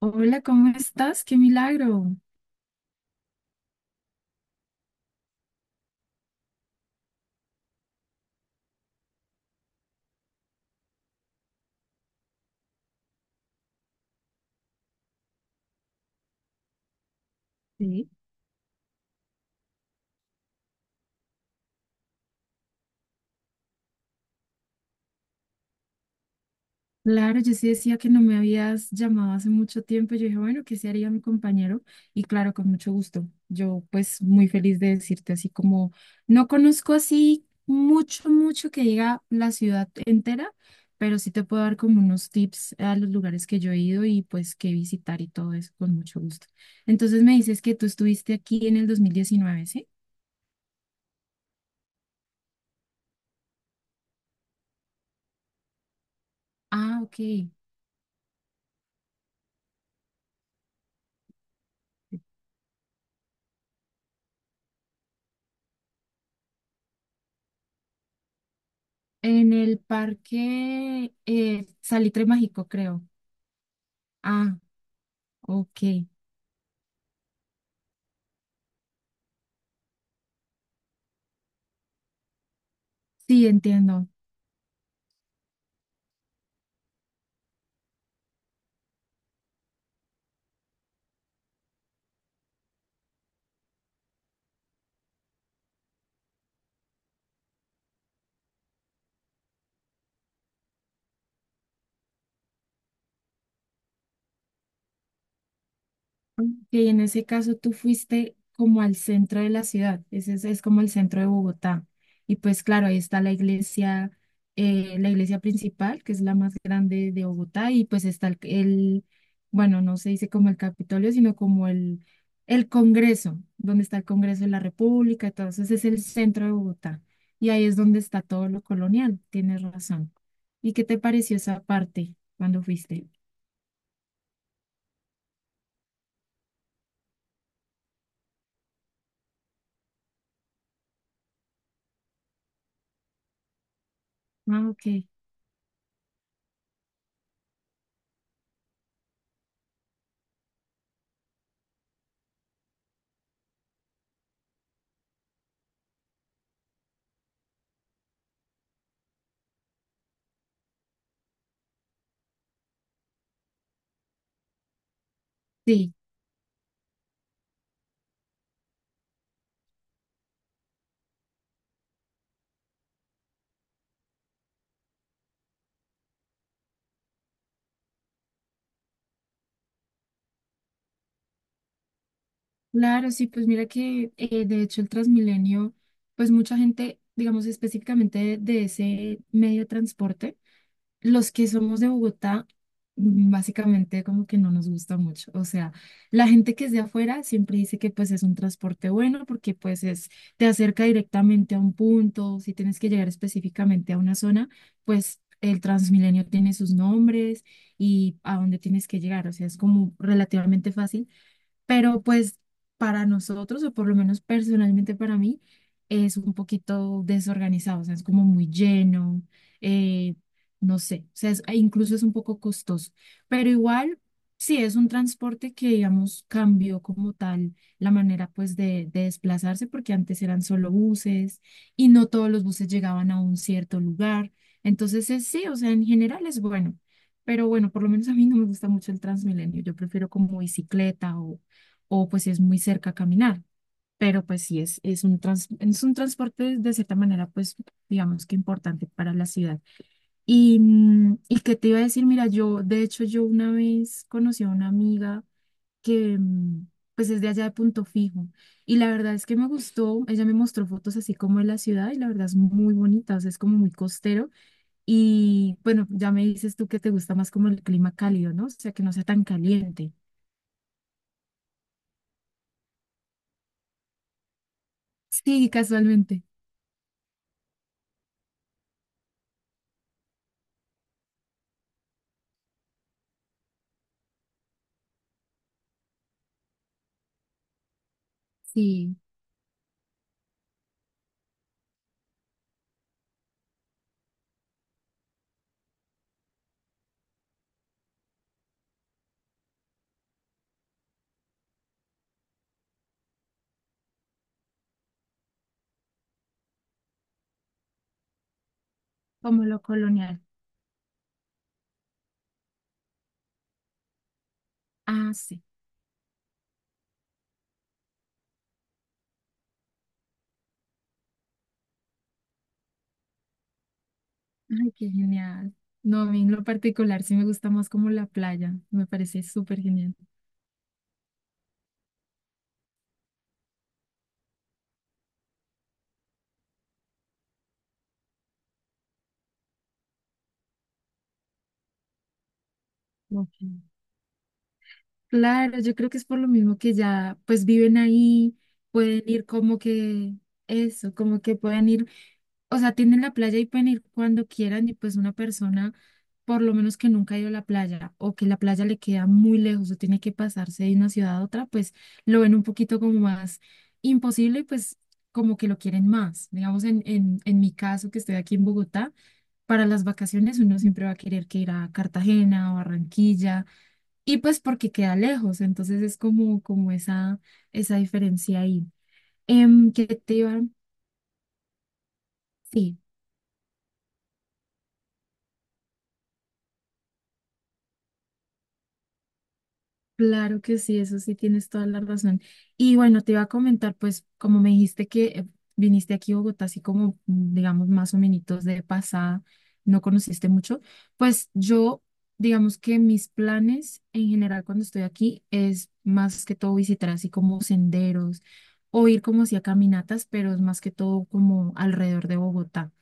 Hola, ¿cómo estás? ¡Qué milagro! Claro, yo sí decía que no me habías llamado hace mucho tiempo. Yo dije, bueno, ¿qué se haría mi compañero? Y claro, con mucho gusto. Yo pues muy feliz de decirte así como no conozco así mucho, mucho que diga la ciudad entera, pero sí te puedo dar como unos tips a los lugares que yo he ido y pues qué visitar y todo eso con mucho gusto. Entonces me dices que tú estuviste aquí en el 2019, ¿sí? Ah, ok. En el parque Salitre Mágico, creo. Ah, ok. Sí, entiendo. Que en ese caso tú fuiste como al centro de la ciudad, ese es como el centro de Bogotá. Y pues claro, ahí está la iglesia principal, que es la más grande de Bogotá, y pues está bueno, no se dice como el Capitolio, sino como el Congreso, donde está el Congreso de la República, entonces es el centro de Bogotá. Y ahí es donde está todo lo colonial, tienes razón. ¿Y qué te pareció esa parte cuando fuiste? Ah, ok. Sí. Claro, sí, pues mira que de hecho el Transmilenio, pues mucha gente, digamos específicamente de ese medio de transporte, los que somos de Bogotá, básicamente como que no nos gusta mucho. O sea, la gente que es de afuera siempre dice que pues es un transporte bueno porque pues es, te acerca directamente a un punto, si tienes que llegar específicamente a una zona, pues el Transmilenio tiene sus nombres y a dónde tienes que llegar, o sea, es como relativamente fácil, pero pues para nosotros, o por lo menos personalmente para mí, es un poquito desorganizado, o sea, es como muy lleno. eh, no sé, o sea, e incluso es un poco costoso, pero igual sí es un transporte que, digamos, cambió como tal la manera pues de desplazarse, porque antes eran solo buses y no todos los buses llegaban a un cierto lugar, entonces sí, o sea, en general es bueno. Pero bueno, por lo menos a mí no me gusta mucho el Transmilenio. Yo prefiero como bicicleta o pues si es muy cerca caminar. Pero pues sí, es un transporte de cierta manera, pues digamos que importante para la ciudad. Y que te iba a decir, mira, yo, de hecho, yo una vez conocí a una amiga que pues es de allá de Punto Fijo. Y la verdad es que me gustó, ella me mostró fotos así como de la ciudad y la verdad es muy bonita, o sea, es como muy costero. Y bueno, ya me dices tú que te gusta más como el clima cálido, ¿no? O sea, que no sea tan caliente. Sí, casualmente. Sí. Como lo colonial. Ah, sí. Ay, qué genial. No, a mí en lo particular sí me gusta más como la playa. Me parece súper genial. Ok. Claro, yo creo que es por lo mismo que ya pues viven ahí, pueden ir como que eso, como que pueden ir, o sea, tienen la playa y pueden ir cuando quieran y pues una persona, por lo menos que nunca ha ido a la playa o que la playa le queda muy lejos o tiene que pasarse de una ciudad a otra, pues lo ven un poquito como más imposible y pues como que lo quieren más. Digamos, en mi caso, que estoy aquí en Bogotá, para las vacaciones uno siempre va a querer que ir a Cartagena o Barranquilla y pues porque queda lejos, entonces es como esa diferencia ahí. ¿Qué te iba? Sí. Claro que sí, eso sí tienes toda la razón. Y bueno, te iba a comentar, pues, como me dijiste que viniste aquí a Bogotá, así como, digamos, más o menos de pasada, no conociste mucho, pues yo, digamos que mis planes en general cuando estoy aquí es más que todo visitar así como senderos o ir como así a caminatas, pero es más que todo como alrededor de Bogotá.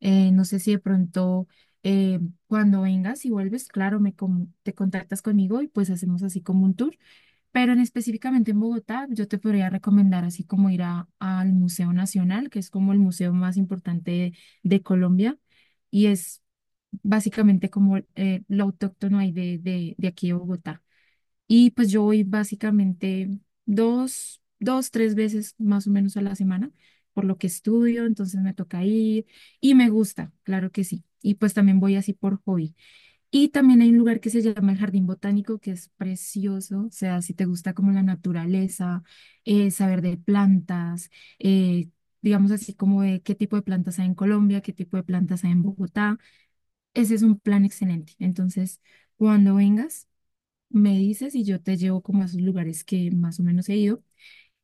No sé si de pronto eh, cuando vengas y vuelves, claro, te contactas conmigo y pues hacemos así como un tour. Pero en específicamente en Bogotá, yo te podría recomendar así como ir al Museo Nacional, que es como el museo más importante de Colombia y es básicamente como lo autóctono ahí de aquí de Bogotá. Y pues yo voy básicamente dos, tres veces más o menos a la semana, por lo que estudio, entonces me toca ir y me gusta, claro que sí. Y pues también voy así por hobby. Y también hay un lugar que se llama el Jardín Botánico, que es precioso. O sea, si te gusta como la naturaleza, saber de plantas, eh, digamos así como de qué tipo de plantas hay en Colombia, qué tipo de plantas hay en Bogotá, ese es un plan excelente. Entonces, cuando vengas, me dices y yo te llevo como a esos lugares que más o menos he ido.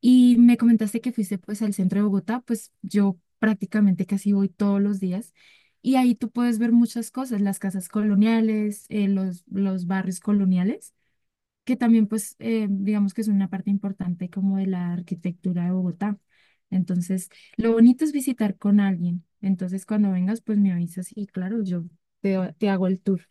Y me comentaste que fuiste pues al centro de Bogotá, pues yo prácticamente casi voy todos los días y ahí tú puedes ver muchas cosas, las casas coloniales, los barrios coloniales, que también pues digamos que es una parte importante como de la arquitectura de Bogotá. Entonces, lo bonito es visitar con alguien. Entonces, cuando vengas, pues me avisas y claro, yo te hago el tour.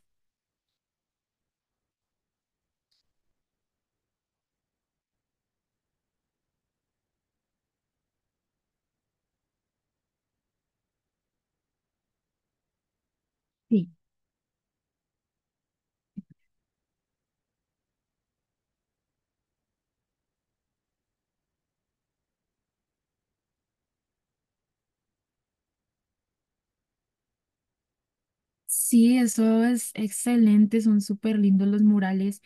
Sí. Sí, eso es excelente, son súper lindos los murales.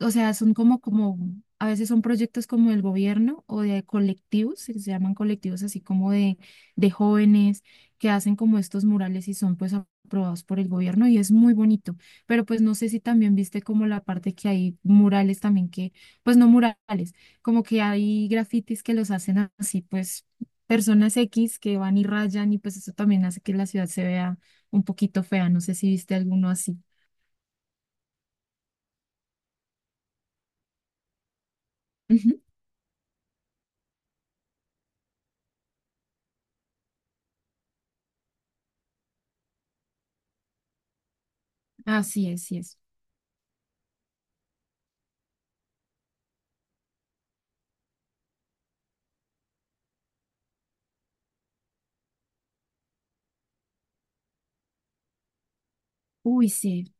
O sea, son como, a veces son proyectos como del gobierno o de colectivos, que se llaman colectivos así como de jóvenes que hacen como estos murales y son pues aprobados por el gobierno y es muy bonito. Pero pues no sé si también viste como la parte que hay murales también que, pues no murales, como que hay grafitis que los hacen así pues personas X que van y rayan y pues eso también hace que la ciudad se vea un poquito fea. No sé si viste alguno así. Ujú. Así es, sí es. Uy, sí.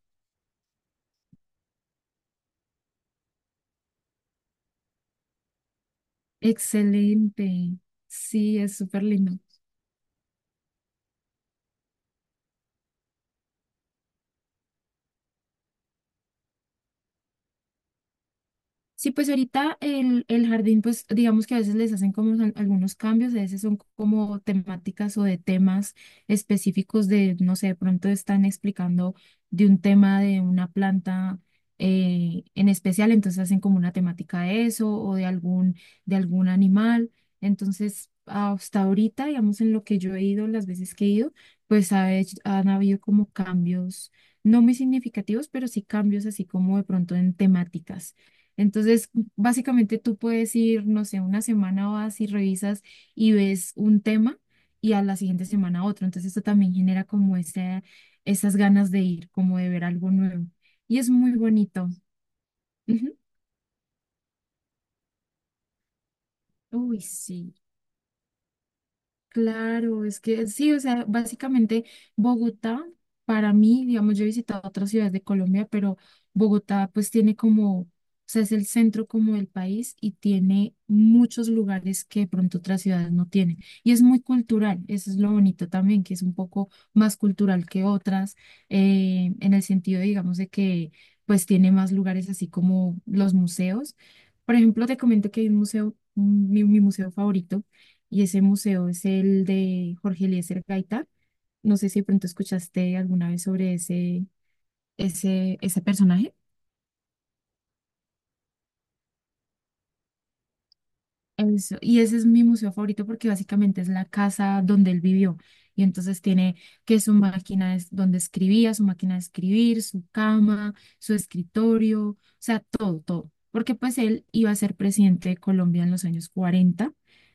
Excelente. Sí, es súper lindo. Sí, pues ahorita el jardín, pues digamos que a veces les hacen como algunos cambios, a veces son como temáticas o de temas específicos de, no sé, de pronto están explicando de un tema de una planta en especial, entonces hacen como una temática de eso o de algún animal. Entonces, hasta ahorita, digamos, en lo que yo he ido, las veces que he ido, pues han habido como cambios, no muy significativos, pero sí cambios así como de pronto en temáticas. Entonces, básicamente tú puedes ir, no sé, una semana vas y revisas y ves un tema y a la siguiente semana otro. Entonces, esto también genera como ese, esas ganas de ir, como de ver algo nuevo. Y es muy bonito. Ujú. Uy, sí. Claro, es que sí, o sea, básicamente Bogotá, para mí, digamos, yo he visitado otras ciudades de Colombia, pero Bogotá pues tiene como, o sea, es el centro como del país y tiene muchos lugares que de pronto otras ciudades no tienen. Y es muy cultural, eso es lo bonito también, que es un poco más cultural que otras, en el sentido, digamos, de que pues tiene más lugares así como los museos. Por ejemplo, te comento que hay un museo, mi museo favorito, y ese museo es el de Jorge Eliezer Gaitán. No sé si de pronto escuchaste alguna vez sobre ese personaje. Eso, y ese es mi museo favorito porque básicamente es la casa donde él vivió. Y entonces tiene que su máquina es donde escribía, su máquina de escribir, su cama, su escritorio, o sea, todo, todo. Porque pues él iba a ser presidente de Colombia en los años cuarenta,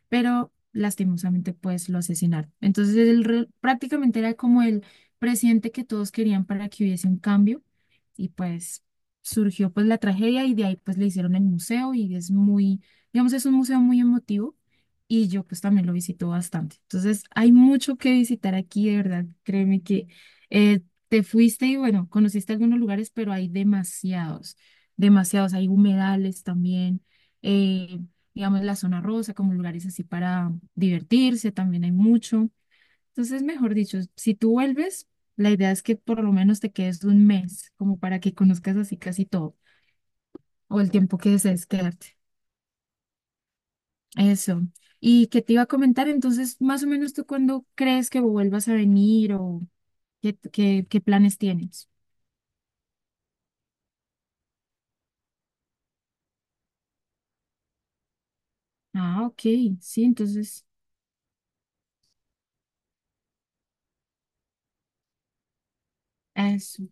pero lastimosamente pues lo asesinaron. Entonces él prácticamente era como el presidente que todos querían para que hubiese un cambio y pues surgió pues la tragedia y de ahí pues le hicieron el museo y es muy digamos, es un museo muy emotivo y yo pues también lo visito bastante. Entonces, hay mucho que visitar aquí, de verdad. Créeme que eh, te fuiste y bueno, conociste algunos lugares, pero hay demasiados, demasiados. Hay humedales también, eh, digamos, la zona rosa, como lugares así para divertirse, también hay mucho. Entonces, mejor dicho, si tú vuelves, la idea es que por lo menos te quedes un mes, como para que conozcas así casi todo, o el tiempo que desees quedarte. Eso. ¿Y qué te iba a comentar? Entonces, ¿más o menos tú cuándo crees que vuelvas a venir o qué planes tienes? Ah, ok, sí, entonces, eso.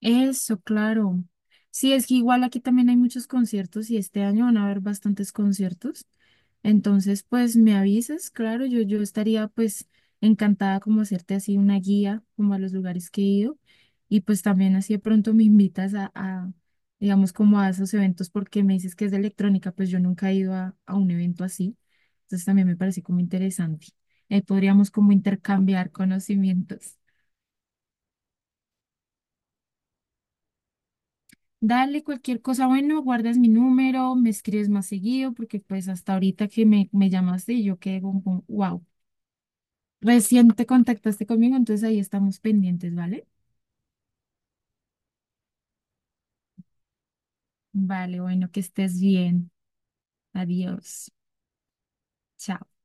Eso, claro. Sí, es que igual aquí también hay muchos conciertos y este año van a haber bastantes conciertos. Entonces, pues me avisas, claro, yo estaría pues encantada como hacerte así una guía como a los lugares que he ido y pues también así de pronto me invitas a, digamos, como a esos eventos porque me dices que es de electrónica, pues yo nunca he ido a un evento así. Entonces también me parece como interesante. Podríamos como intercambiar conocimientos. Dale, cualquier cosa, bueno, guardas mi número, me escribes más seguido, porque pues hasta ahorita que me llamaste y yo quedé como, wow, recién te contactaste conmigo, entonces ahí estamos pendientes, ¿vale? Vale, bueno, que estés bien. Adiós. Chao.